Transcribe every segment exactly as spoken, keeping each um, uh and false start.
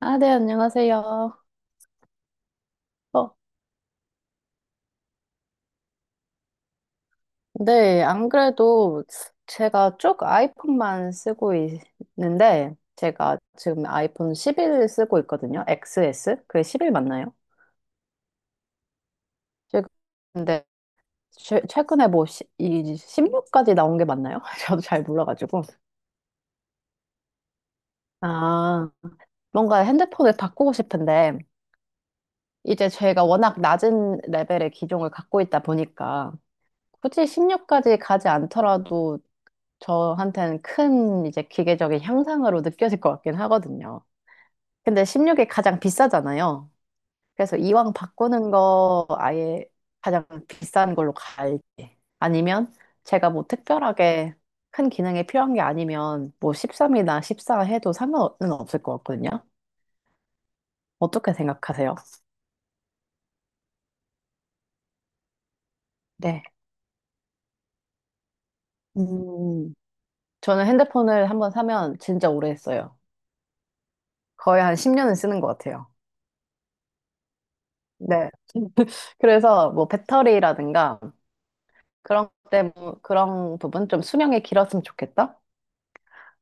아, 네, 안녕하세요. 어, 네, 안 그래도 제가 쭉 아이폰만 쓰고 있는데, 제가 지금 아이폰 십일 쓰고 있거든요. 엑스에스? 그게 십일 맞나요? 지금 근데 최, 최근에 뭐 시, 이 십육까지 나온 게 맞나요? 저도 잘 몰라가지고. 아, 뭔가 핸드폰을 바꾸고 싶은데, 이제 제가 워낙 낮은 레벨의 기종을 갖고 있다 보니까, 굳이 십육까지 가지 않더라도 저한테는 큰 이제 기계적인 향상으로 느껴질 것 같긴 하거든요. 근데 십육이 가장 비싸잖아요. 그래서 이왕 바꾸는 거 아예 가장 비싼 걸로 갈지 아니면 제가 뭐 특별하게 큰 기능이 필요한 게 아니면 뭐 십삼이나 십사 해도 상관은 없을 것 같거든요. 어떻게 생각하세요? 네. 음, 저는 핸드폰을 한번 사면 진짜 오래 했어요. 거의 한 십 년은 쓰는 것 같아요. 네. 그래서 뭐 배터리라든가 그런 때, 뭐 그런 부분 좀 수명이 길었으면 좋겠다.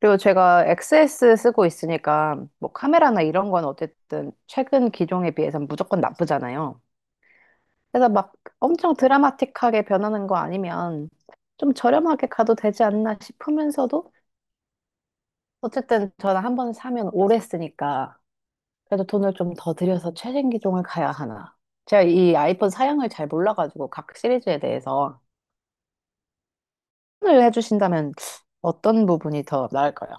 그리고 제가 엑스에스 쓰고 있으니까 뭐 카메라나 이런 건 어쨌든 최근 기종에 비해서는 무조건 나쁘잖아요. 그래서 막 엄청 드라마틱하게 변하는 거 아니면 좀 저렴하게 가도 되지 않나 싶으면서도 어쨌든 저는 한 번 사면 오래 쓰니까 그래도 돈을 좀 더 들여서 최신 기종을 가야 하나. 제가 이 아이폰 사양을 잘 몰라가지고 각 시리즈에 대해서 추천을 해주신다면 어떤 부분이 더 나을까요?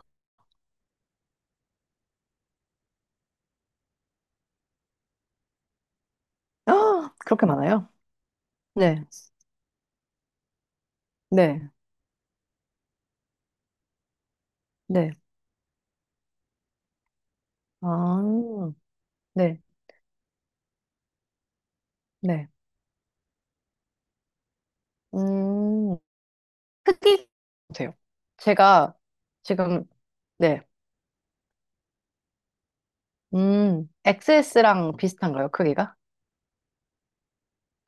아, 그렇게 많아요? 네, 네, 네, 아, 네, 네. 음, 크기 보세요. 제가 지금, 네, 음, 엑스에스랑 비슷한가요, 크기가?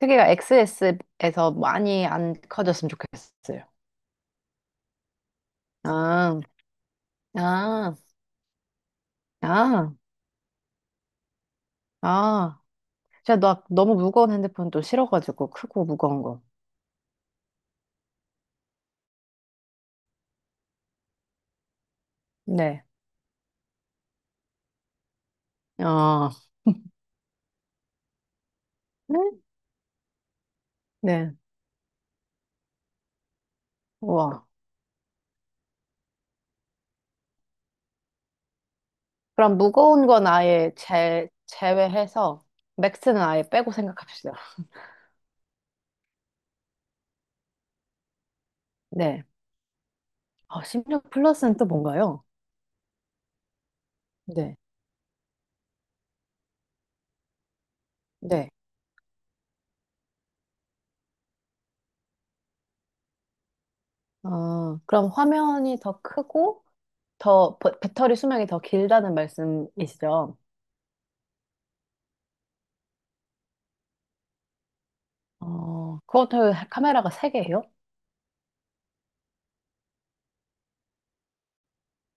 크기가 엑스에스에서 많이 안 커졌으면 좋겠어요. 아, 아, 아, 아. 제가 나 너무 무거운 핸드폰 또 싫어가지고, 크고 무거운 거. 네, 아, 네, 네. 우와. 그럼 무거운 건 아예 제, 제외해서 맥스는 아예 빼고 생각합시다. 네. 어, 십육 플러스는 또 뭔가요? 네. 네. 어, 그럼 화면이 더 크고 더 버- 배터리 수명이 더 길다는 말씀이시죠? 어, 그것도 카메라가 세 개예요?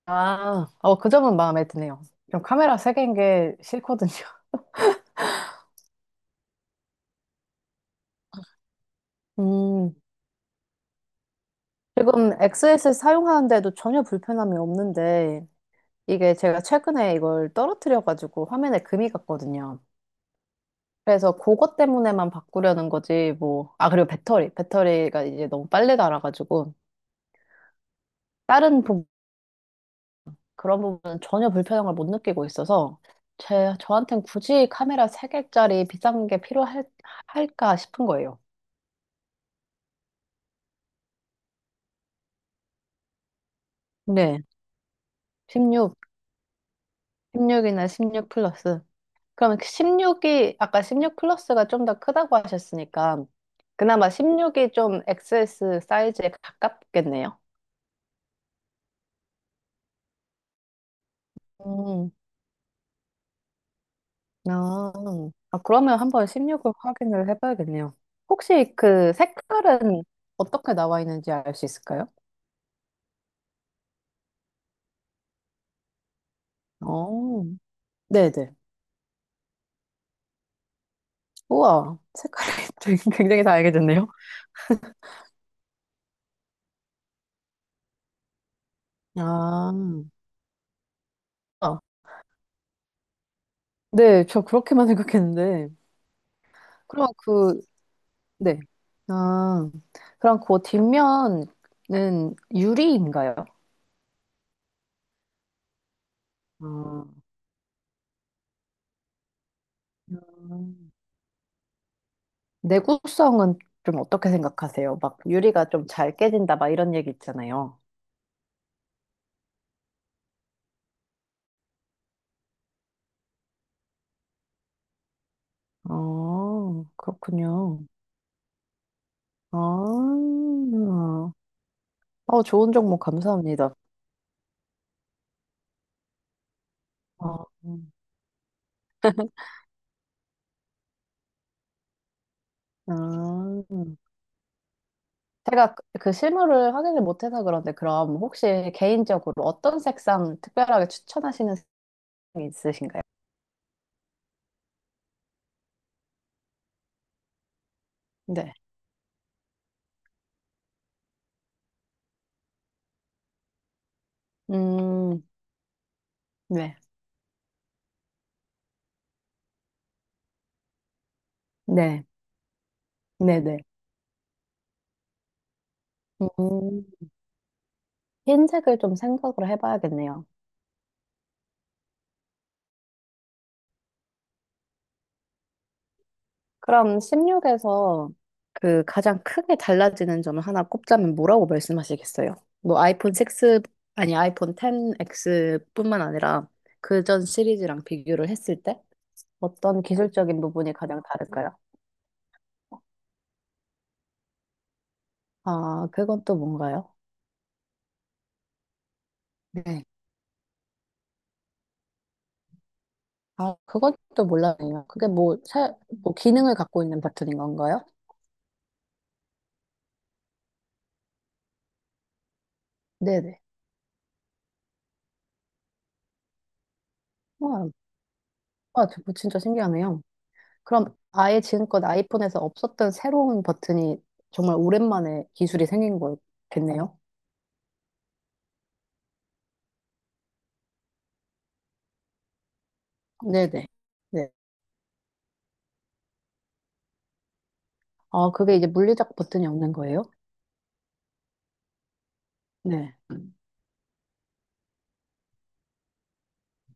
아, 어, 그 점은 마음에 드네요. 좀 카메라 세 개인 게 싫거든요. 음, 지금 엑스에스를 사용하는데도 전혀 불편함이 없는데, 이게 제가 최근에 이걸 떨어뜨려가지고 화면에 금이 갔거든요. 그래서 그것 때문에만 바꾸려는 거지, 뭐. 아, 그리고 배터리. 배터리가 이제 너무 빨리 닳아가지고, 다른 부, 그런 부분은 전혀 불편함을 못 느끼고 있어서, 제, 저한텐 굳이 카메라 세 개짜리 비싼 게 필요할, 할까 싶은 거예요. 네. 십육 십육이나 십육 플러스. 그러면 십육이, 아까 십육 플러스가 좀 더 크다고 하셨으니까, 그나마 십육이 좀 엑스에스 사이즈에 가깝겠네요. 음, 아, 아, 그러면 한번 십육을 확인을 해봐야겠네요. 혹시 그 색깔은 어떻게 나와 있는지 알 수 있을까요? 어, 네네. 우와, 색깔이 되게 굉장히 다양해졌네요. 아, 아, 네, 저 그렇게만 생각했는데. 그럼 그, 네. 아, 그럼 그 뒷면은 유리인가요? 아, 음. 내구성은 좀 어떻게 생각하세요? 막 유리가 좀 잘 깨진다, 막 이런 얘기 있잖아요. 아, 그렇군요. 아, 어, 좋은 정보 감사합니다. 아, 아. 제가 그- 그 실물을 확인을 못해서 그런데 그럼 혹시 개인적으로 어떤 색상 특별하게 추천하시는 색상이 있으신가요? 네. 음, 네. 네. 네네. 음, 흰색을 좀 생각을 해봐야겠네요. 그럼 십육에서 그 가장 크게 달라지는 점 하나 꼽자면 뭐라고 말씀하시겠어요? 뭐 아이폰 육, 아니 아이폰 텐엑스뿐만 아니라 그전 시리즈랑 비교를 했을 때 어떤 기술적인 부분이 가장 다를까요? 아, 그건 또 뭔가요? 네. 아, 그건 또 몰랐네요. 그게 뭐, 새, 뭐 기능을 갖고 있는 버튼인 건가요? 네네. 와, 아, 저거 진짜 신기하네요. 그럼 아예 지금껏 아이폰에서 없었던 새로운 버튼이 정말 오랜만에 기술이 생긴 거겠네요. 네네. 네. 아, 그게 이제 물리적 버튼이 없는 거예요? 네.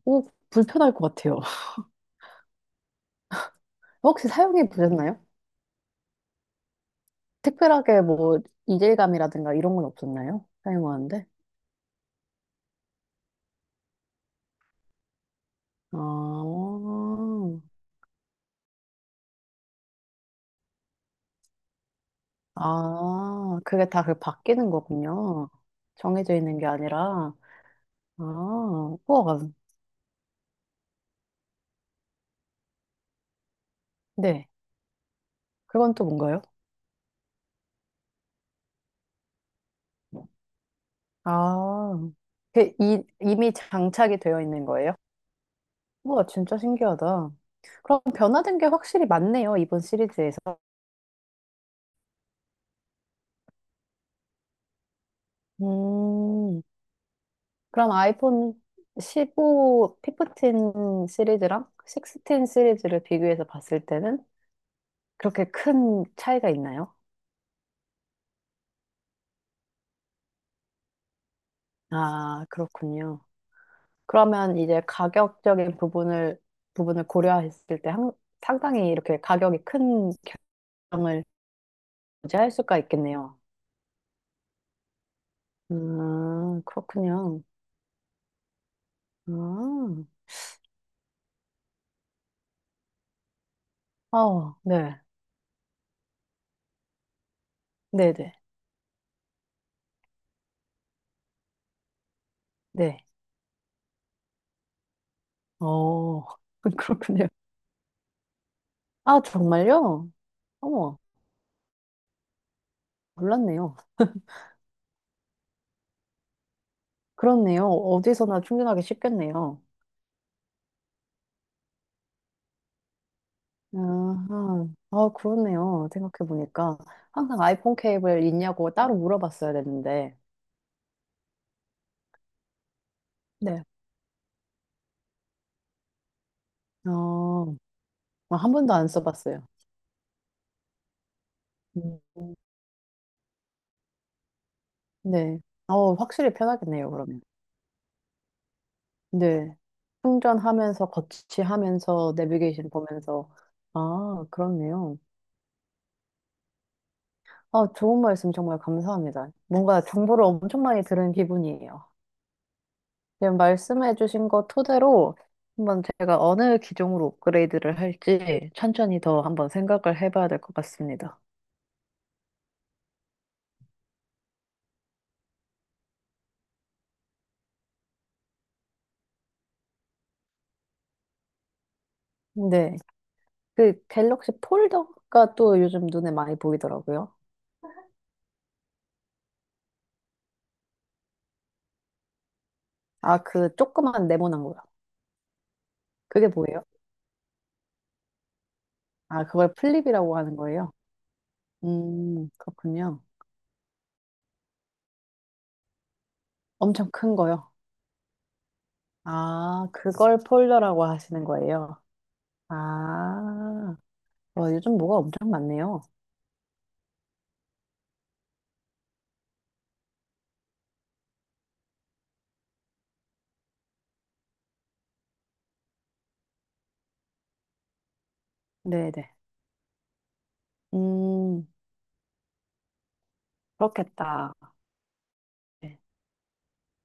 오, 불편할 것 같아요. 혹시 사용해 보셨나요? 특별하게 뭐 이질감이라든가 이런 건 없었나요? 사용하는데? 아, 아, 그게 다 그 바뀌는 거군요. 정해져 있는 게 아니라. 아, 우와. 네. 그건 또 뭔가요? 아, 그 이, 이미 장착이 되어 있는 거예요? 우와, 진짜 신기하다. 그럼 변화된 게 확실히 많네요, 이번 시리즈에서. 음, 그럼 아이폰 십오, 십오 시리즈랑 십육 시리즈를 비교해서 봤을 때는 그렇게 큰 차이가 있나요? 아, 그렇군요. 그러면 이제 가격적인 부분을, 부분을 고려했을 때 한- 상당히 이렇게 가격이 큰 결정을 이제 할 수가 있겠네요. 아, 그렇군요. 아, 어, 네. 네네. 네. 어, 그렇군요. 아, 정말요? 어머, 몰랐네요. 그렇네요. 어디서나 충전하기 쉽겠네요. 아하, 아, 그렇네요. 생각해보니까. 항상 아이폰 케이블 있냐고 따로 물어봤어야 됐는데. 네. 어, 아, 한 번도 안 써봤어요. 음, 네. 어, 확실히 편하겠네요, 그러면. 네. 충전하면서 거치하면서 내비게이션 보면서 아, 그렇네요. 아, 좋은 말씀 정말 감사합니다. 뭔가 정보를 엄청 많이 들은 기분이에요. 지금 말씀해주신 거 토대로 한번 제가 어느 기종으로 업그레이드를 할지 천천히 더 한번 생각을 해봐야 될 것 같습니다. 네. 그 갤럭시 폴더가 또 요즘 눈에 많이 보이더라고요. 아, 그 조그만 네모난 거요. 그게 뭐예요? 아, 그걸 플립이라고 하는 거예요? 음, 그렇군요. 엄청 큰 거요. 아, 그걸 폴더라고 하시는 거예요. 아, 와, 요즘 뭐가 엄청 많네요. 네네. 음, 그렇겠다. 네.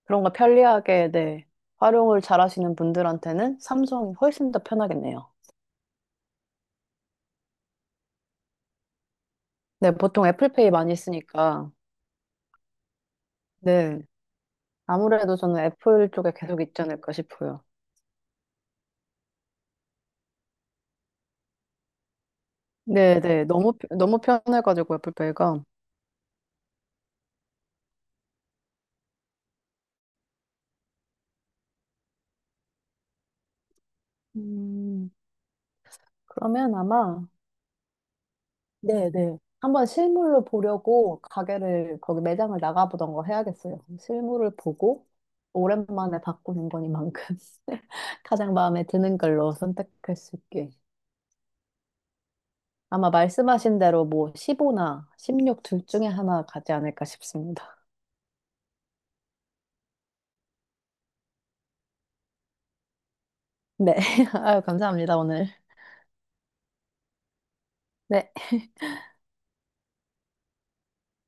그런 거 편리하게, 네. 활용을 잘 하시는 분들한테는 삼성이 훨씬 더 편하겠네요. 네, 보통 애플페이 많이 쓰니까. 네. 아무래도 저는 애플 쪽에 계속 있지 않을까 싶어요. 네네. 너무, 편- 너무 편해가지고 애플페이가. 음, 그러면 아마 네, 네. 한번 실물로 보려고 가게를 거기 매장을 나가보던 거 해야겠어요. 실물을 보고 오랜만에 바꾸는 거니만큼 가장 마음에 드는 걸로 선택할 수 있게. 아마 말씀하신 대로 뭐 십오나 십육 둘 중에 하나 가지 않을까 싶습니다. 네. 아유, 감사합니다, 오늘. 네.